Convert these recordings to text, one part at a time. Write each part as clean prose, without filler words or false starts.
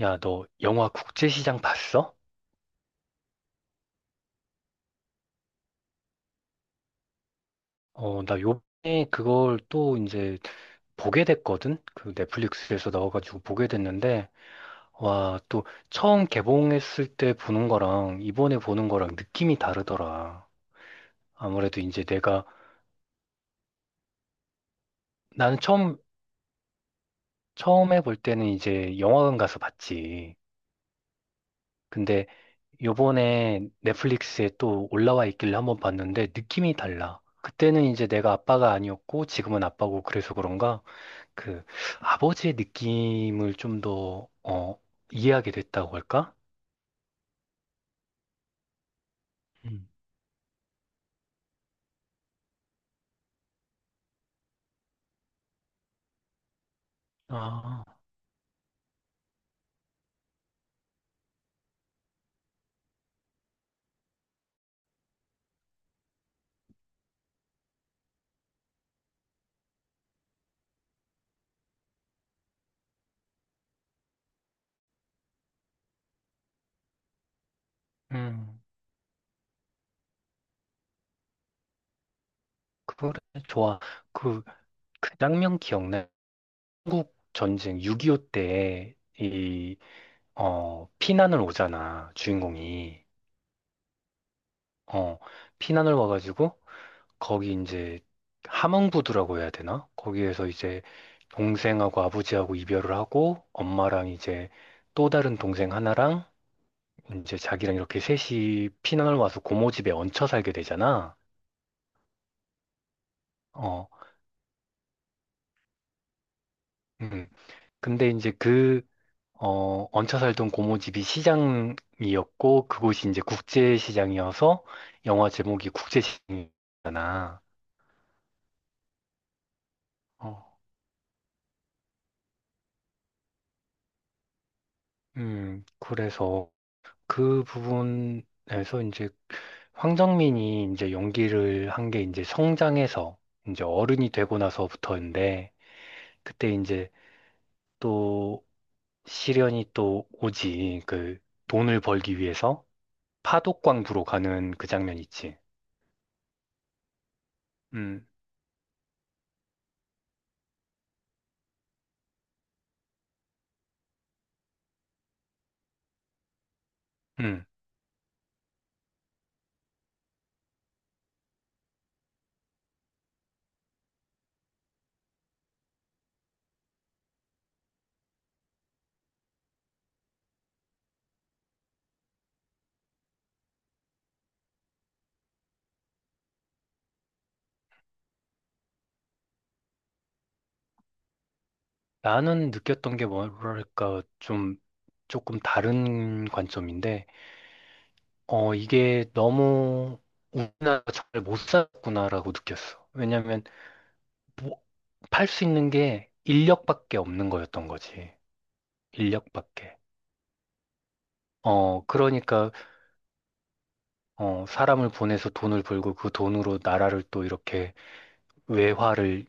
야, 너 영화 국제시장 봤어? 나 요번에 그걸 또 이제 보게 됐거든? 그 넷플릭스에서 나와가지고 보게 됐는데, 와, 또 처음 개봉했을 때 보는 거랑 이번에 보는 거랑 느낌이 다르더라. 아무래도 이제 나는 처음, 처음에 볼 때는 이제 영화관 가서 봤지. 근데 요번에 넷플릭스에 또 올라와 있길래 한번 봤는데 느낌이 달라. 그때는 이제 내가 아빠가 아니었고 지금은 아빠고 그래서 그런가? 그 아버지의 느낌을 좀 더, 이해하게 됐다고 할까? 음. 아, 음, 그거래, 좋아. 그, 그 장면 기억나? 한국 전쟁 6.25 때, 피난을 오잖아, 주인공이. 어, 피난을 와가지고, 거기 이제, 함흥부두라고 해야 되나? 거기에서 이제, 동생하고 아버지하고 이별을 하고, 엄마랑 이제, 또 다른 동생 하나랑, 이제 자기랑 이렇게 셋이 피난을 와서 고모 집에 얹혀 살게 되잖아. 어, 음. 근데 이제 얹혀 살던 고모 집이 시장이었고, 그곳이 이제 국제시장이어서 영화 제목이 국제시장이잖아. 어, 그래서 그 부분에서 이제 황정민이 이제 연기를 한 게 이제 성장해서 이제 어른이 되고 나서부터인데, 그때 이제 또 시련이 또 오지. 그 돈을 벌기 위해서 파독광부로 가는 그 장면 있지. 음, 음. 나는 느꼈던 게 뭐랄까 좀 조금 다른 관점인데, 이게 너무 우리나라가 잘못 살았구나라고 느꼈어. 왜냐면 뭐, 팔수 있는 게 인력밖에 없는 거였던 거지. 인력밖에. 그러니까, 사람을 보내서 돈을 벌고 그 돈으로 나라를 또 이렇게 외화를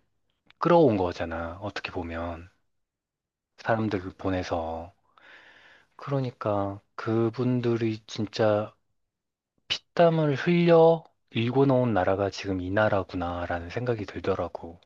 끌어온 거잖아. 어떻게 보면. 사람들 보내서. 그러니까 그분들이 진짜 피땀을 흘려 일궈 놓은 나라가 지금 이 나라구나라는 생각이 들더라고.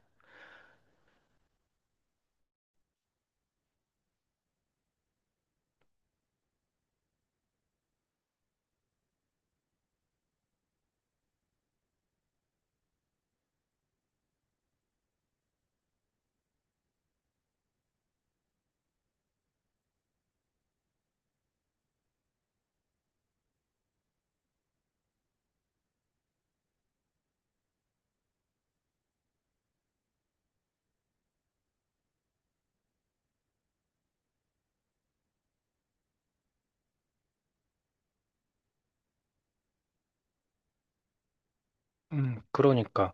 그러니까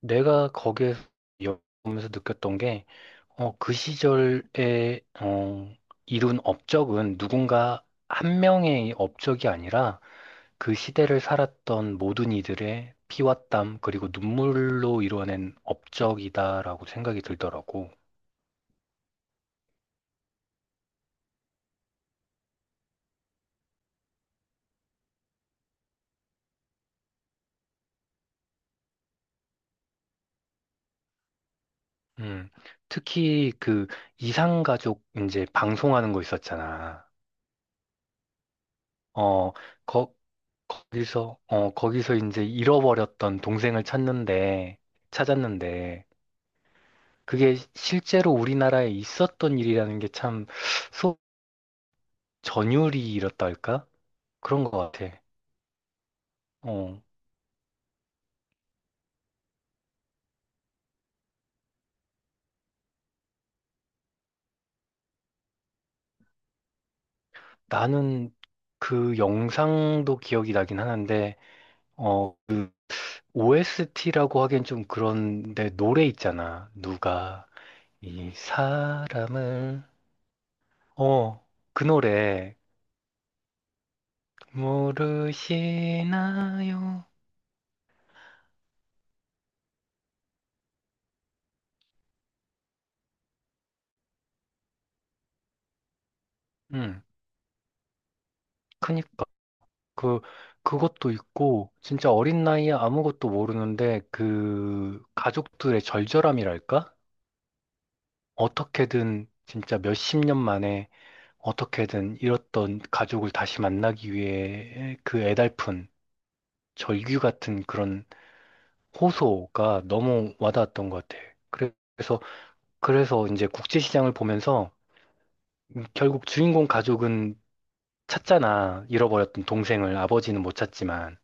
내가 거기에서 보면서 느꼈던 게, 그 시절에, 이룬 업적은 누군가 한 명의 업적이 아니라 그 시대를 살았던 모든 이들의 피와 땀, 그리고 눈물로 이루어낸 업적이다라고 생각이 들더라고. 음, 특히 그 이상가족 이제 방송하는 거 있었잖아. 어, 거, 거기서 이제 잃어버렸던 동생을 찾는데, 찾았는데, 그게 실제로 우리나라에 있었던 일이라는 게 참, 소, 전율이 이렇다 할까? 그런 것 같아. 어. 나는 그 영상도 기억이 나긴 하는데, 어, OST라고 하기엔 좀 그런데 노래 있잖아. 누가 이 사람을, 어, 그 노래 모르시나요? 음, 그니까. 그, 그것도 있고, 진짜 어린 나이에 아무것도 모르는데, 그 가족들의 절절함이랄까? 어떻게든 진짜 몇 십 년 만에 어떻게든 잃었던 가족을 다시 만나기 위해 그 애달픈 절규 같은 그런 호소가 너무 와닿았던 것 같아. 그래서, 그래서 이제 국제시장을 보면서 결국 주인공 가족은 찾잖아. 잃어버렸던 동생을 아버지는 못 찾지만.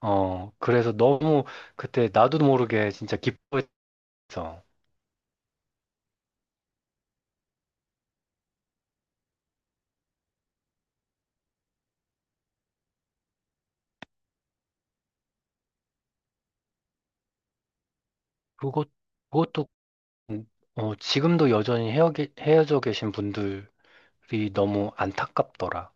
그래서 너무 그때 나도 모르게 진짜 기뻐했어. 그것, 그것도, 음, 지금도 여전히 헤어져 계신 분들이 너무 안타깝더라.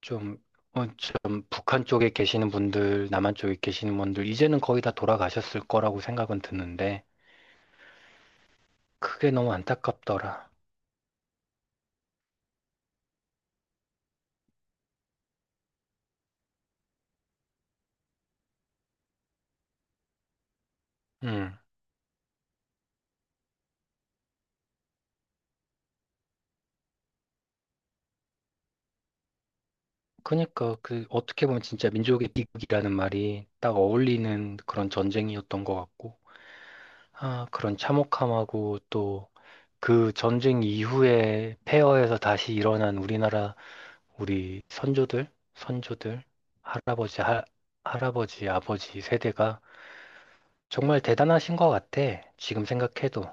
좀, 좀 북한 쪽에 계시는 분들, 남한 쪽에 계시는 분들, 이제는 거의 다 돌아가셨을 거라고 생각은 드는데, 그게 너무 안타깝더라. 음. 그니까, 어떻게 보면 진짜 민족의 비극이라는 말이 딱 어울리는 그런 전쟁이었던 것 같고, 아, 그런 참혹함하고 또 그 전쟁 이후에 폐허에서 다시 일어난 우리나라, 우리 선조들, 할아버지, 할 할아버지, 아버지 세대가 정말 대단하신 것 같아. 지금 생각해도.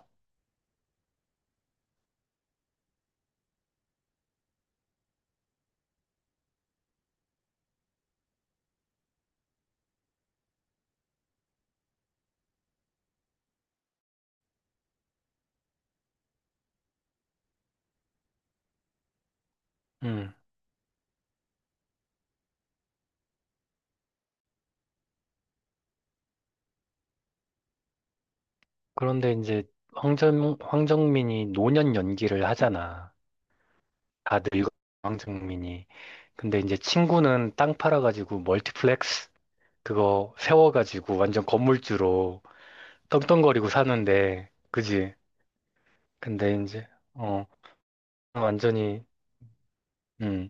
음. 그런데 이제 황정민이 노년 연기를 하잖아. 다 늙은 황정민이. 근데 이제 친구는 땅 팔아가지고 멀티플렉스 그거 세워가지고 완전 건물주로 떵떵거리고 사는데, 그지? 근데 이제, 어, 완전히, 음,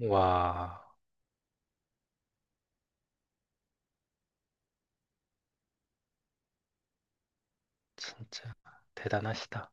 와, 진짜 대단하시다.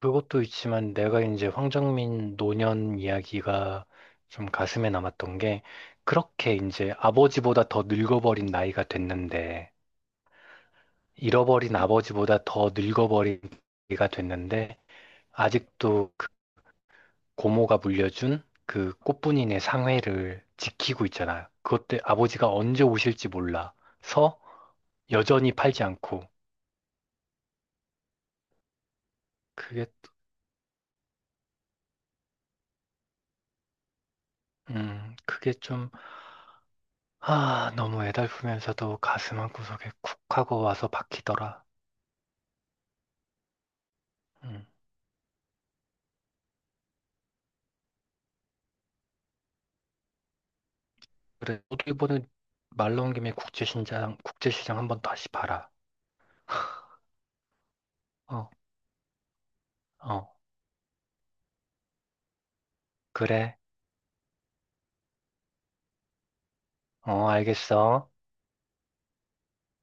그것도 있지만 내가 이제 황정민 노년 이야기가 좀 가슴에 남았던 게 그렇게 이제 아버지보다 더 늙어버린 나이가 됐는데 잃어버린 아버지보다 더 늙어버린 나이가 됐는데 아직도 그 고모가 물려준 그 꽃분이네 상회를 지키고 있잖아. 그것 때 아버지가 언제 오실지 몰라서 여전히 팔지 않고 그게 음 그게 아, 너무 애달프면서도 가슴 한구석에 쿡 하고 와서 박히더라. 음. 그래, 너도 이번에 말 나온 김에 국제시장, 국제시장 한번 다시 봐라. 어, 어, 그래. 어, 알겠어.